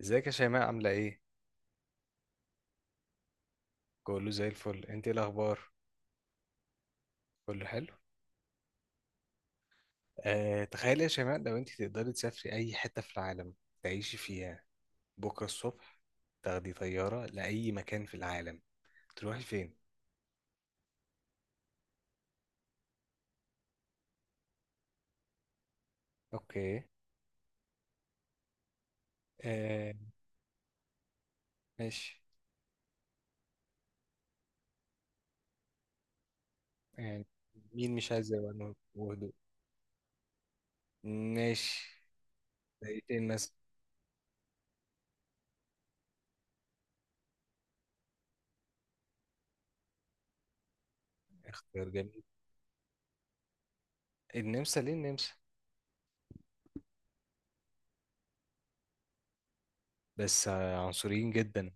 ازيك يا شيماء، عاملة ايه؟ كله زي الفل. انت ايه الاخبار؟ كله حلو؟ آه، تخيلي يا شيماء، لو انت تقدري تسافري اي حتة في العالم، تعيشي فيها، بكرة الصبح تاخدي طيارة لأي مكان في العالم، تروحي فين؟ اوكي. آه، ماشي. يعني مين مش عايز يبقى وهدوء؟ ماشي. زي ايه مثلا؟ اختيار جميل. النمسا، ليه النمسا؟ بس عنصريين جدا.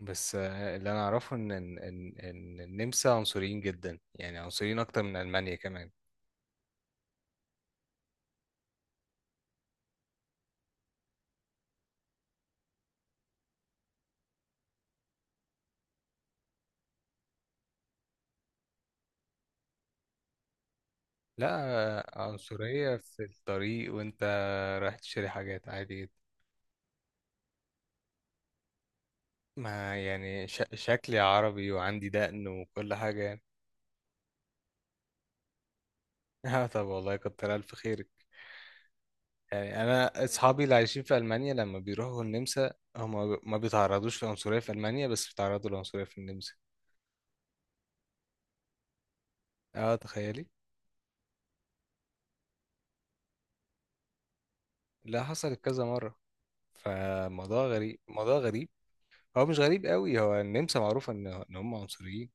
بس اللي انا اعرفه ان ان ان إن النمسا عنصريين جدا، يعني عنصريين اكتر من المانيا كمان. لا. عنصرية في الطريق، وانت رايح تشتري حاجات عادي جدا. ما يعني شكلي عربي وعندي دقن وكل حاجة يعني. اه، طب والله كتر الف خيرك. يعني انا اصحابي اللي عايشين في المانيا لما بيروحوا النمسا، هم ما بيتعرضوش لعنصرية في المانيا، بس بيتعرضوا لعنصرية في النمسا. اه، تخيلي. لا، حصلت كذا مرة، فموضوع غريب موضوع غريب. هو مش غريب قوي، هو النمسا معروفة ان هم عنصريين.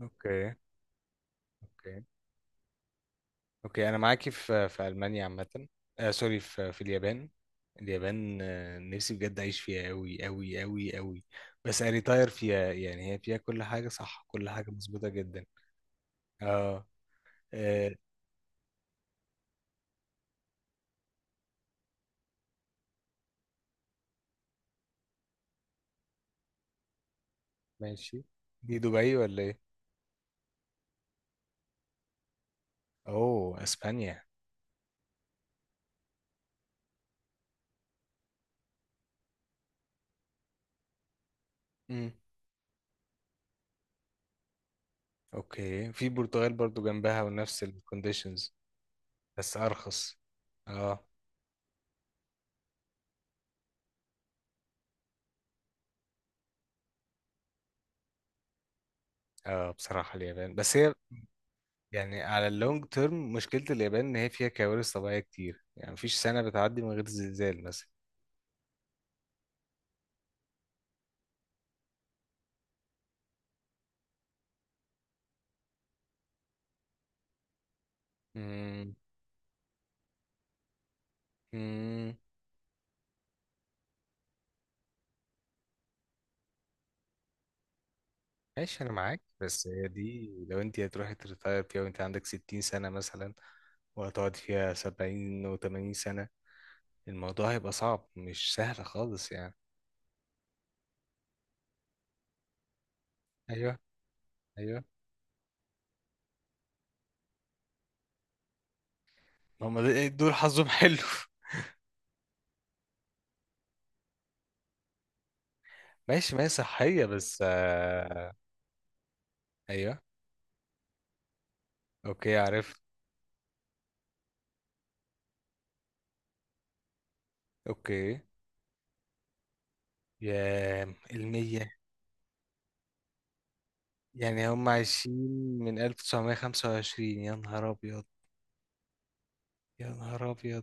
اوكي. اوكي. اوكي، انا معاكي في المانيا عامة. آه، سوري، في اليابان. اليابان، نفسي بجد اعيش فيها قوي قوي قوي قوي. بس اريتاير فيها. يعني هي فيها كل حاجة صح، كل حاجة مظبوطة جدا. اه. آه، ماشي. دي دبي ولا ايه؟ اوه اسبانيا. امم. اوكي. في البرتغال برضو جنبها ونفس الكونديشنز، بس ارخص. اه. اه، بصراحة اليابان، بس هي يعني على اللونج تيرم، مشكلة اليابان إن هي فيها كوارث طبيعية كتير. يعني مفيش سنة بتعدي من غير زلزال مثلا. مم. مم. ماشي، أنا معاك. بس هي دي لو أنت هتروحي تريتاير فيها وأنت عندك ستين سنة مثلا، وهتقعد فيها سبعين وتمانين سنة، الموضوع هيبقى صعب، مش سهل خالص يعني. أيوه. أيوه. هما دول حظهم حلو. ماشي. ما هي صحية، بس أيوه. أوكي، عرفت. أوكي. يا. المية. يعني هم عايشين من 1925. يا نهار أبيض. يا نهار أبيض.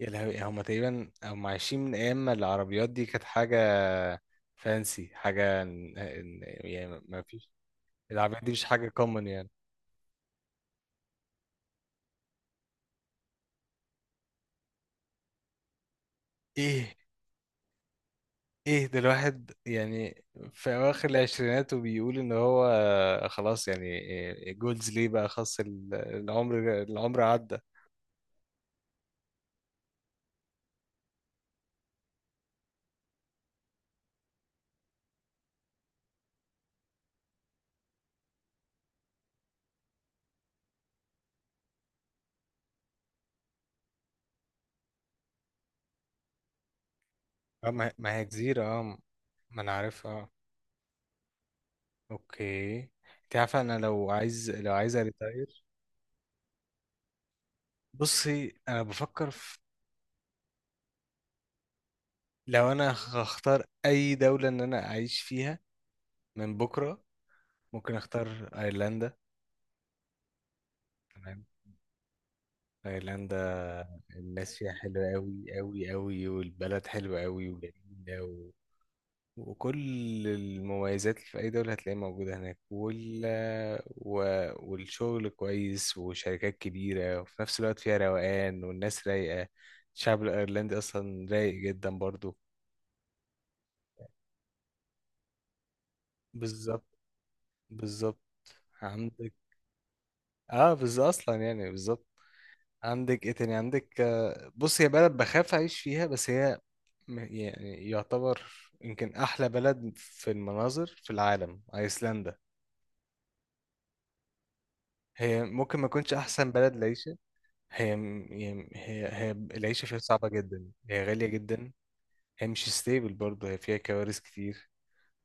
يا لهوي، هم تقريبا هم عايشين من أيام ما العربيات دي كانت حاجة فانسي. حاجة يعني ما فيش. العربيات دي مش حاجة كومن يعني. إيه. إيه ده؟ الواحد يعني في أواخر العشرينات، وبيقول إن هو خلاص؟ يعني جولز ليه بقى؟ خلاص العمر، العمر عدى. آه، ما هي جزيرة، اه. ما أنا عارفها. اوكي. انت عارفه، انا لو عايز اريتاير، بصي انا بفكر في، لو انا هختار اي دوله ان انا اعيش فيها من بكره، ممكن اختار ايرلندا. تمام. ايرلندا، الناس فيها حلوه قوي قوي قوي، والبلد حلوه قوي وجميله. وكل المميزات اللي في أي دولة هتلاقيها موجودة هناك و... والشغل كويس، وشركات كبيرة، وفي نفس الوقت فيها روقان والناس رايقة. الشعب الأيرلندي أصلا رايق جدا برضو. بالظبط. بالظبط. عندك. اه بالظبط، أصلا يعني بالظبط. عندك ايه تاني؟ عندك بص، هي بلد بخاف أعيش فيها، بس هي يعني يعتبر يمكن أحلى بلد في المناظر في العالم، أيسلندا. هي ممكن ما تكونش أحسن بلد لعيشة. هي هي العيشة فيها صعبة جدا. هي غالية جدا. هي مش ستيبل برضه. هي فيها كوارث كتير.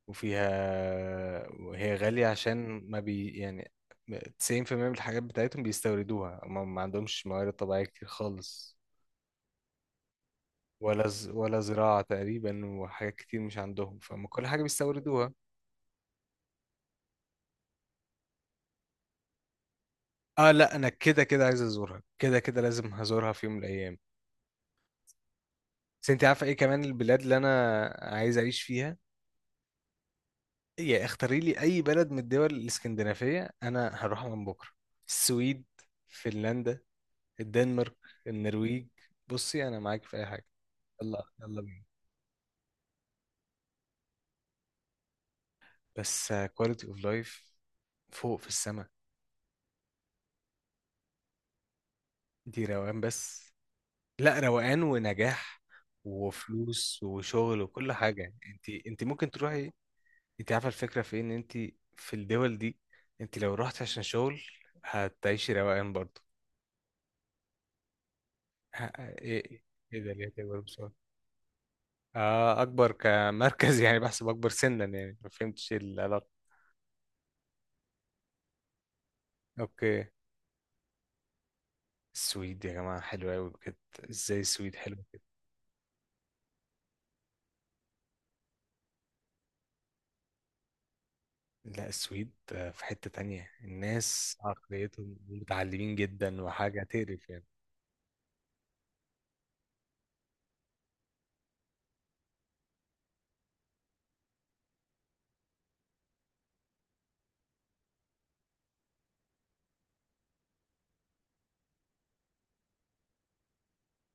وفيها، وهي غالية عشان ما بي يعني، 90% من الحاجات بتاعتهم بيستوردوها. ما عندهمش موارد طبيعية كتير خالص، ولا ولا زراعة تقريبا، وحاجات كتير مش عندهم، فما كل حاجة بيستوردوها. اه، لا، انا كده كده عايز ازورها، كده كده لازم هزورها في يوم من الايام. بس انت عارفة ايه كمان البلاد اللي انا عايز اعيش فيها؟ يا اختاري لي اي بلد من الدول الاسكندنافيه، انا هروحها من بكره. السويد، فنلندا، الدنمارك، النرويج. بصي انا معاك في اي حاجه. يلا يلا بينا. بس كواليتي اوف لايف فوق في السماء. دي روقان بس. لا، روقان ونجاح وفلوس وشغل وكل حاجه. انت ممكن تروحي. انت عارفه الفكره في إيه؟ ان انت في الدول دي، انت لو رحت عشان شغل هتعيشي روقان برضه. ايه؟ ايه؟ إيه ده؟ ليه تكبر؟ اه، اكبر كمركز. يعني بحسب اكبر سنا يعني. ما فهمتش ايه العلاقه. اوكي. السويد يا جماعه حلوه قوي بجد. ازاي السويد حلوه كده؟ لا، السويد في حته تانية، الناس عقليتهم متعلمين جدا وحاجه تقرف يعني.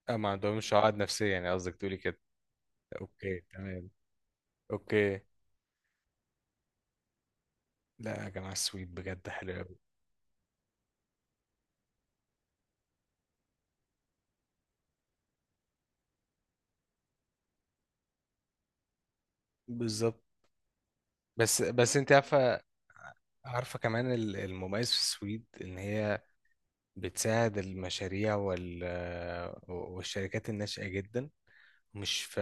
اه، ما عندهمش عقد نفسيه؟ يعني قصدك تقولي كده. اوكي تمام. اوكي. لا يا جماعه، السويد بجد حلوه قوي. بالظبط. بس انت عارفه. عارفه كمان المميز في السويد، ان هي بتساعد المشاريع والشركات الناشئة جدا. مش في،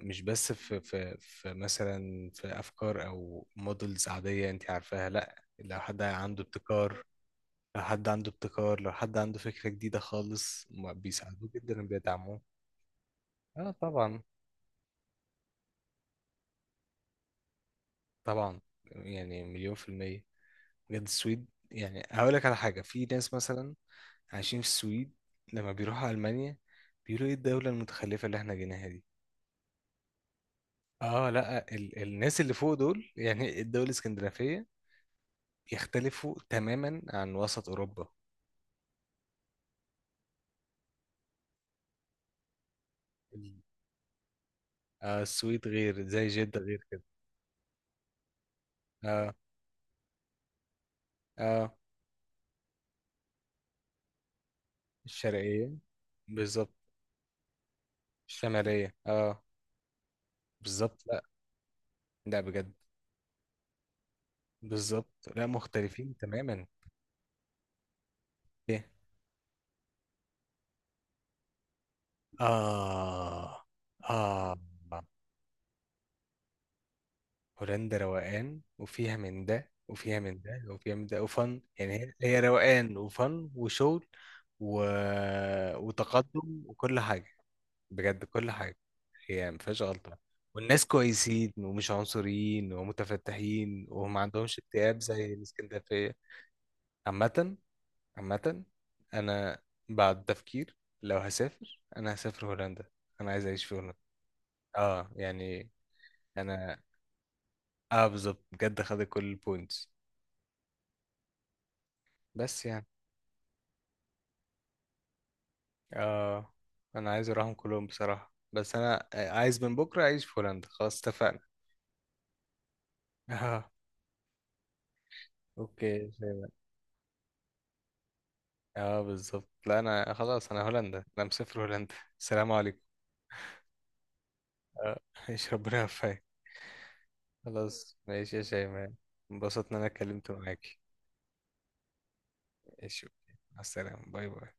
مش بس في مثلا في أفكار أو مودلز عادية أنت عارفاها. لأ، لو حد عنده فكرة جديدة خالص، ما بيساعدوه جدا وبيدعموه. اه، طبعا. طبعا، يعني مليون في المية. بجد السويد. يعني هقول لك على حاجة، في ناس مثلا عايشين في السويد، لما بيروحوا ألمانيا بيقولوا ايه الدولة المتخلفة اللي احنا جيناها. اه، لا، الناس اللي فوق دول، يعني الدول الاسكندنافية، يختلفوا تماما عن وسط أوروبا. ال- السويد غير، زي جدة، غير كده. اه. اه، الشرقية، بالظبط. الشمالية. اه، بالظبط. لا. لا بجد. بالظبط، لا، مختلفين تماما. ايه؟ اه. اه، هولندا روقان، وفيها من ده، وفيها من ده، وفيها من ده، وفن. يعني هي روقان وفن وشغل و... وتقدم وكل حاجة. بجد كل حاجة. هي ما فيهاش غلطة. والناس كويسين ومش عنصريين ومتفتحين، وما عندهمش اكتئاب زي الاسكندرية. عامة. عامة، أنا بعد تفكير، لو هسافر أنا هسافر هولندا. أنا عايز أعيش في هولندا. اه يعني. أنا، اه بالظبط بجد، خدت كل البوينتس. بس يعني. اه، انا عايز اروحهم كلهم بصراحة، بس انا عايز من بكرة اعيش في هولندا. خلاص، اتفقنا. اه. اوكي، فاهم. اه بالظبط. لا انا خلاص، انا هولندا، انا مسافر هولندا. السلام عليكم. اه، ايش، ربنا يوفقك. خلاص، ماشي يا شيماء. انبسطت ان انا اتكلمت معاكي. ماشي أوكي. مع السلامة. باي باي.